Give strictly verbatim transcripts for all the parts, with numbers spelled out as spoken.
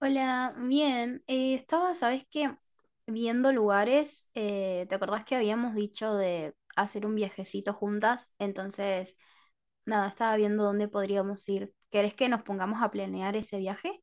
Hola, bien. Eh, estaba, ¿sabes qué? Viendo lugares. Eh, ¿te acordás que habíamos dicho de hacer un viajecito juntas? Entonces, nada, estaba viendo dónde podríamos ir. ¿Querés que nos pongamos a planear ese viaje?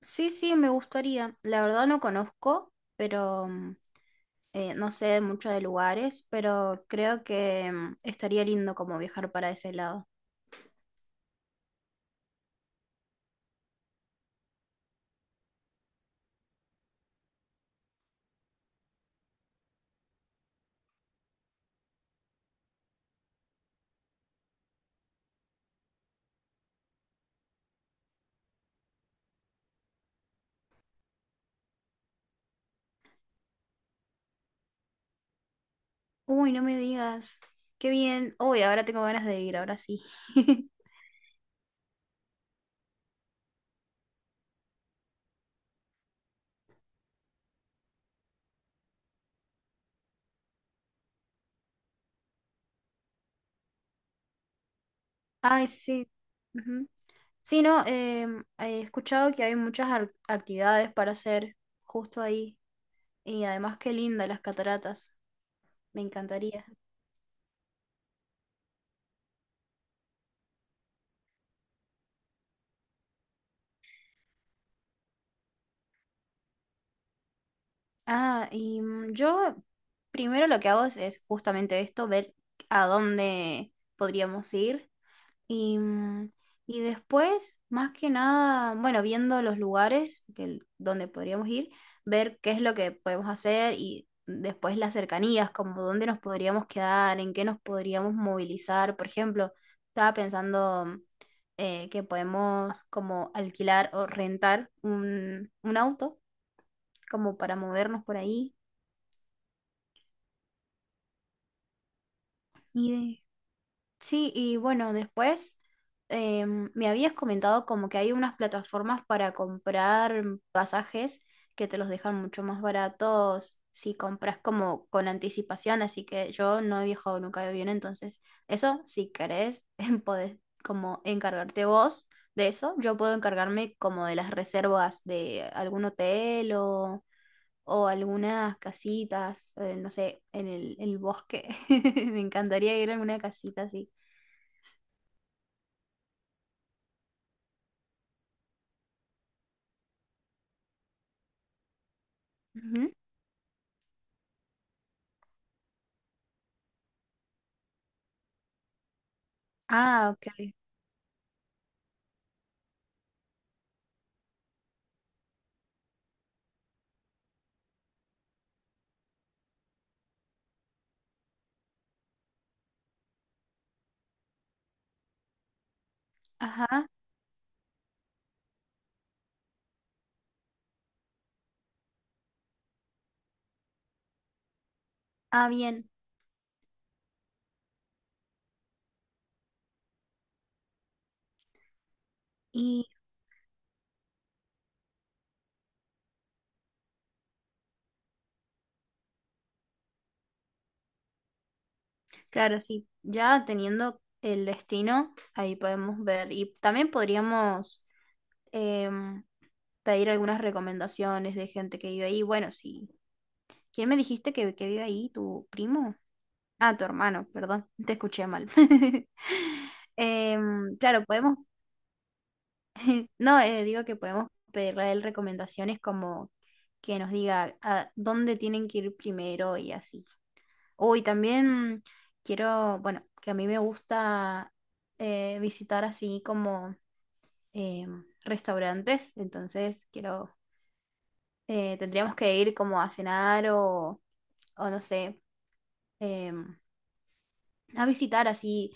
Sí, sí, me gustaría. La verdad no conozco, pero mm, eh, no sé mucho de lugares, pero creo que mm, estaría lindo como viajar para ese lado. Uy, no me digas. Qué bien. Uy, ahora tengo ganas de ir, ahora sí. Ay, sí. Ujú. Sí, no, em, he escuchado que hay muchas ar- actividades para hacer justo ahí. Y además, qué linda las cataratas. Me encantaría. Ah, y mm, yo primero lo que hago es, es justamente esto, ver a dónde podríamos ir. Y, mm, y después, más que nada, bueno, viendo los lugares que, donde podríamos ir, ver qué es lo que podemos hacer y después las cercanías, como dónde nos podríamos quedar, en qué nos podríamos movilizar. Por ejemplo, estaba pensando mm, eh, que podemos como alquilar o rentar un, un auto como para movernos por ahí. Sí, y bueno, después em, me habías comentado como que hay unas plataformas para comprar pasajes que te los dejan mucho más baratos si compras como con anticipación, así que yo no he viajado nunca de avión, entonces eso, si querés, podés como encargarte vos de eso. Yo puedo encargarme como de las reservas de algún hotel o, o algunas casitas, eh, no sé, en el, el bosque. Me encantaría ir a alguna casita así. Ujú. Ah, ok. Ajá. Ah, bien. Y claro, sí, ya teniendo el destino, ahí podemos ver. Y también podríamos em, pedir algunas recomendaciones de gente que vive ahí. Bueno, sí. ¿Quién me dijiste que, que vive ahí? ¿Tu primo? Ah, tu hermano, perdón. Te escuché mal. Em, claro, podemos. No, eh, digo que podemos pedirle a él recomendaciones como que nos diga a dónde tienen que ir primero y así. Uy, también quiero, bueno, que a mí me gusta eh, visitar así como eh, restaurantes, entonces quiero, eh, tendríamos que ir como a cenar o, o no sé, eh, a visitar así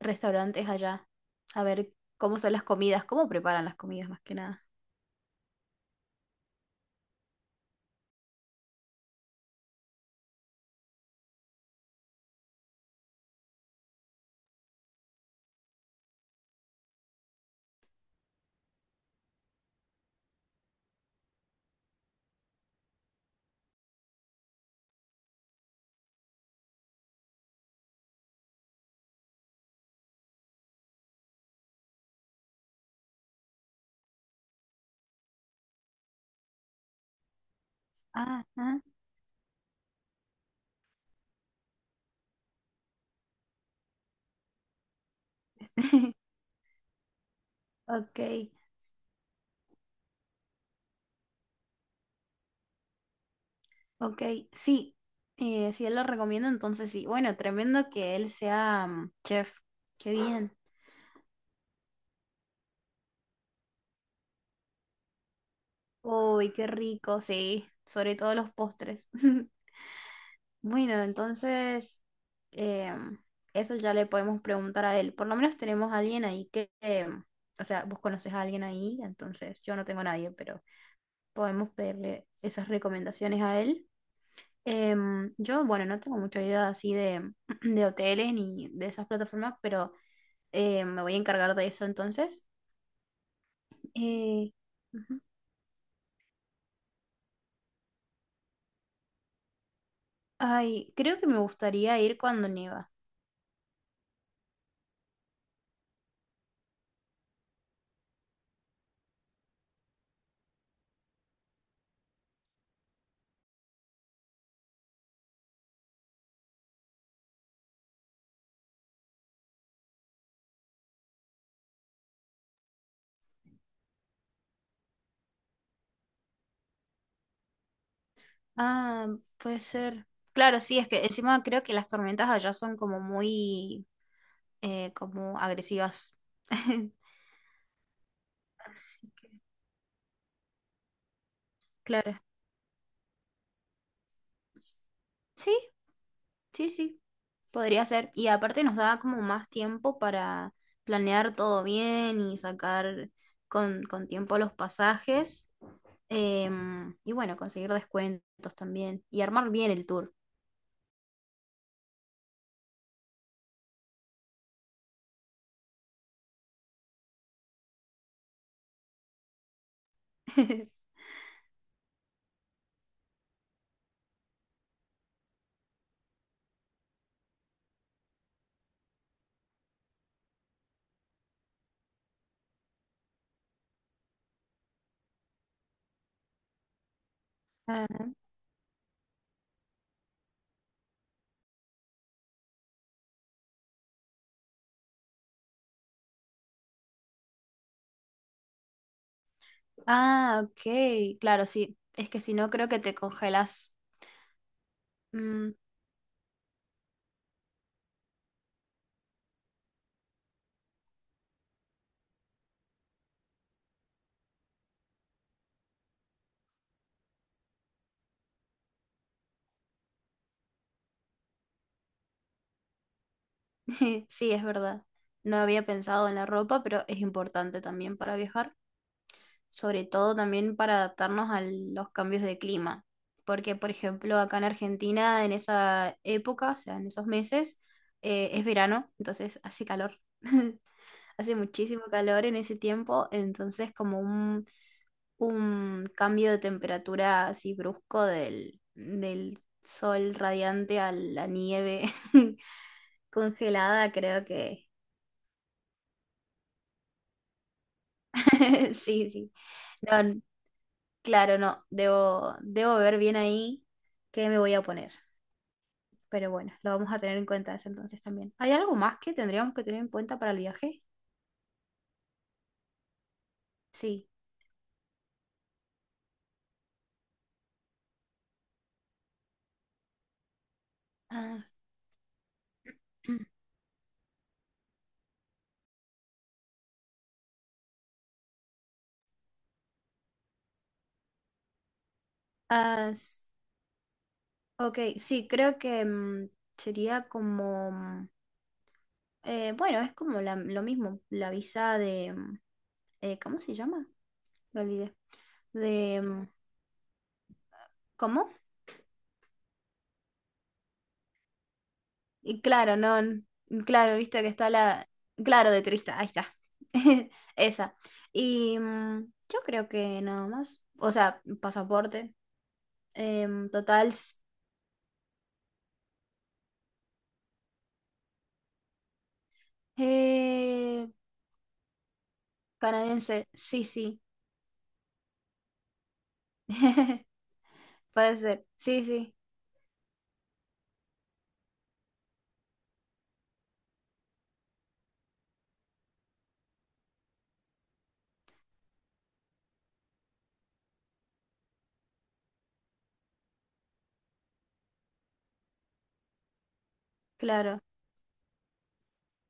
restaurantes allá, a ver cómo son las comidas, cómo preparan las comidas más que nada. Ah, ah, este, ok, ok, sí, eh, si él lo recomienda, entonces sí. Bueno, tremendo que él sea mm, chef, qué bien. Uy, qué rico, sí, sobre todo los postres. Bueno, entonces, em, eso ya le podemos preguntar a él. Por lo menos tenemos a alguien ahí que, em, o sea, vos conoces a alguien ahí, entonces yo no tengo a nadie, pero podemos pedirle esas recomendaciones a él. Em, yo, bueno, no tengo mucha idea así de, de hoteles ni de esas plataformas, pero eh, me voy a encargar de eso entonces. Eh, ujú. Ay, creo que me gustaría ir cuando nieva. Ah, puede ser. Claro, sí, es que encima creo que las tormentas allá son como muy eh, como agresivas. Así que, claro. Sí, sí, sí, podría ser. Y aparte nos da como más tiempo para planear todo bien y sacar con, con tiempo los pasajes. Em, y bueno, conseguir descuentos también y armar bien el tour. Ah, ah, ok, claro, sí. Es que si no, creo que te congelas. Mm, sí, es verdad. No había pensado en la ropa, pero es importante también para viajar, sobre todo también para adaptarnos a los cambios de clima, porque por ejemplo acá en Argentina en esa época, o sea, en esos meses, eh, es verano, entonces hace calor, hace muchísimo calor en ese tiempo, entonces como un, un cambio de temperatura así brusco del, del sol radiante a la nieve congelada, creo que sí, sí. No, n- claro, no. Debo, debo ver bien ahí qué me voy a poner. Pero bueno, lo vamos a tener en cuenta eso entonces también. ¿Hay algo más que tendríamos que tener en cuenta para el viaje? Sí. Ah, ah, s- ok, sí, creo que mm, sería como... mm, eh, bueno, es como la- lo mismo, la visa de... mm, eh, ¿cómo se llama? Me olvidé. De... mm, ¿cómo? Y claro, no, n- claro, viste que está la, claro, de turista, ahí está, esa. Y mm, yo creo que nada más, o sea, pasaporte, em, total, s- eh, canadiense, sí, sí, puede ser, sí, sí, claro,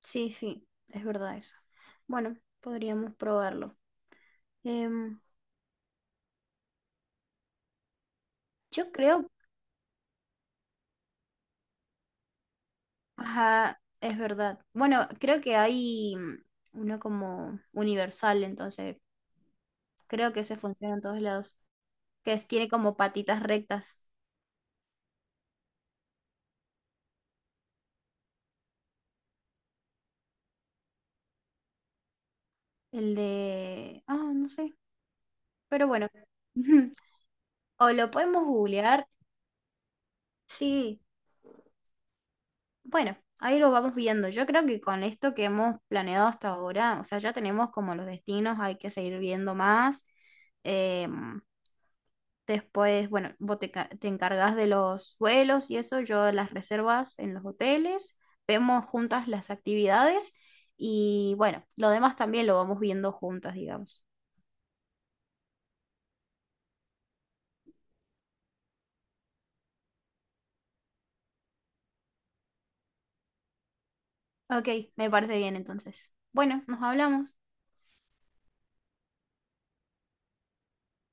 sí, sí, es verdad eso. Bueno, podríamos probarlo. Em, yo creo, ajá, es verdad. Bueno, creo que hay mm, uno como universal, entonces creo que ese funciona en todos lados. Que es- tiene como patitas rectas. El de... Ah, no sé. Pero bueno. O lo podemos googlear. Sí. Bueno, ahí lo vamos viendo. Yo creo que con esto que hemos planeado hasta ahora, o sea, ya tenemos como los destinos, hay que seguir viendo más. em, Después, bueno, vos te, ca- te encargas de los vuelos y eso, yo las reservas en los hoteles, vemos juntas las actividades y bueno, lo demás también lo vamos viendo juntas, digamos. Ok, me parece bien entonces. Bueno, nos hablamos.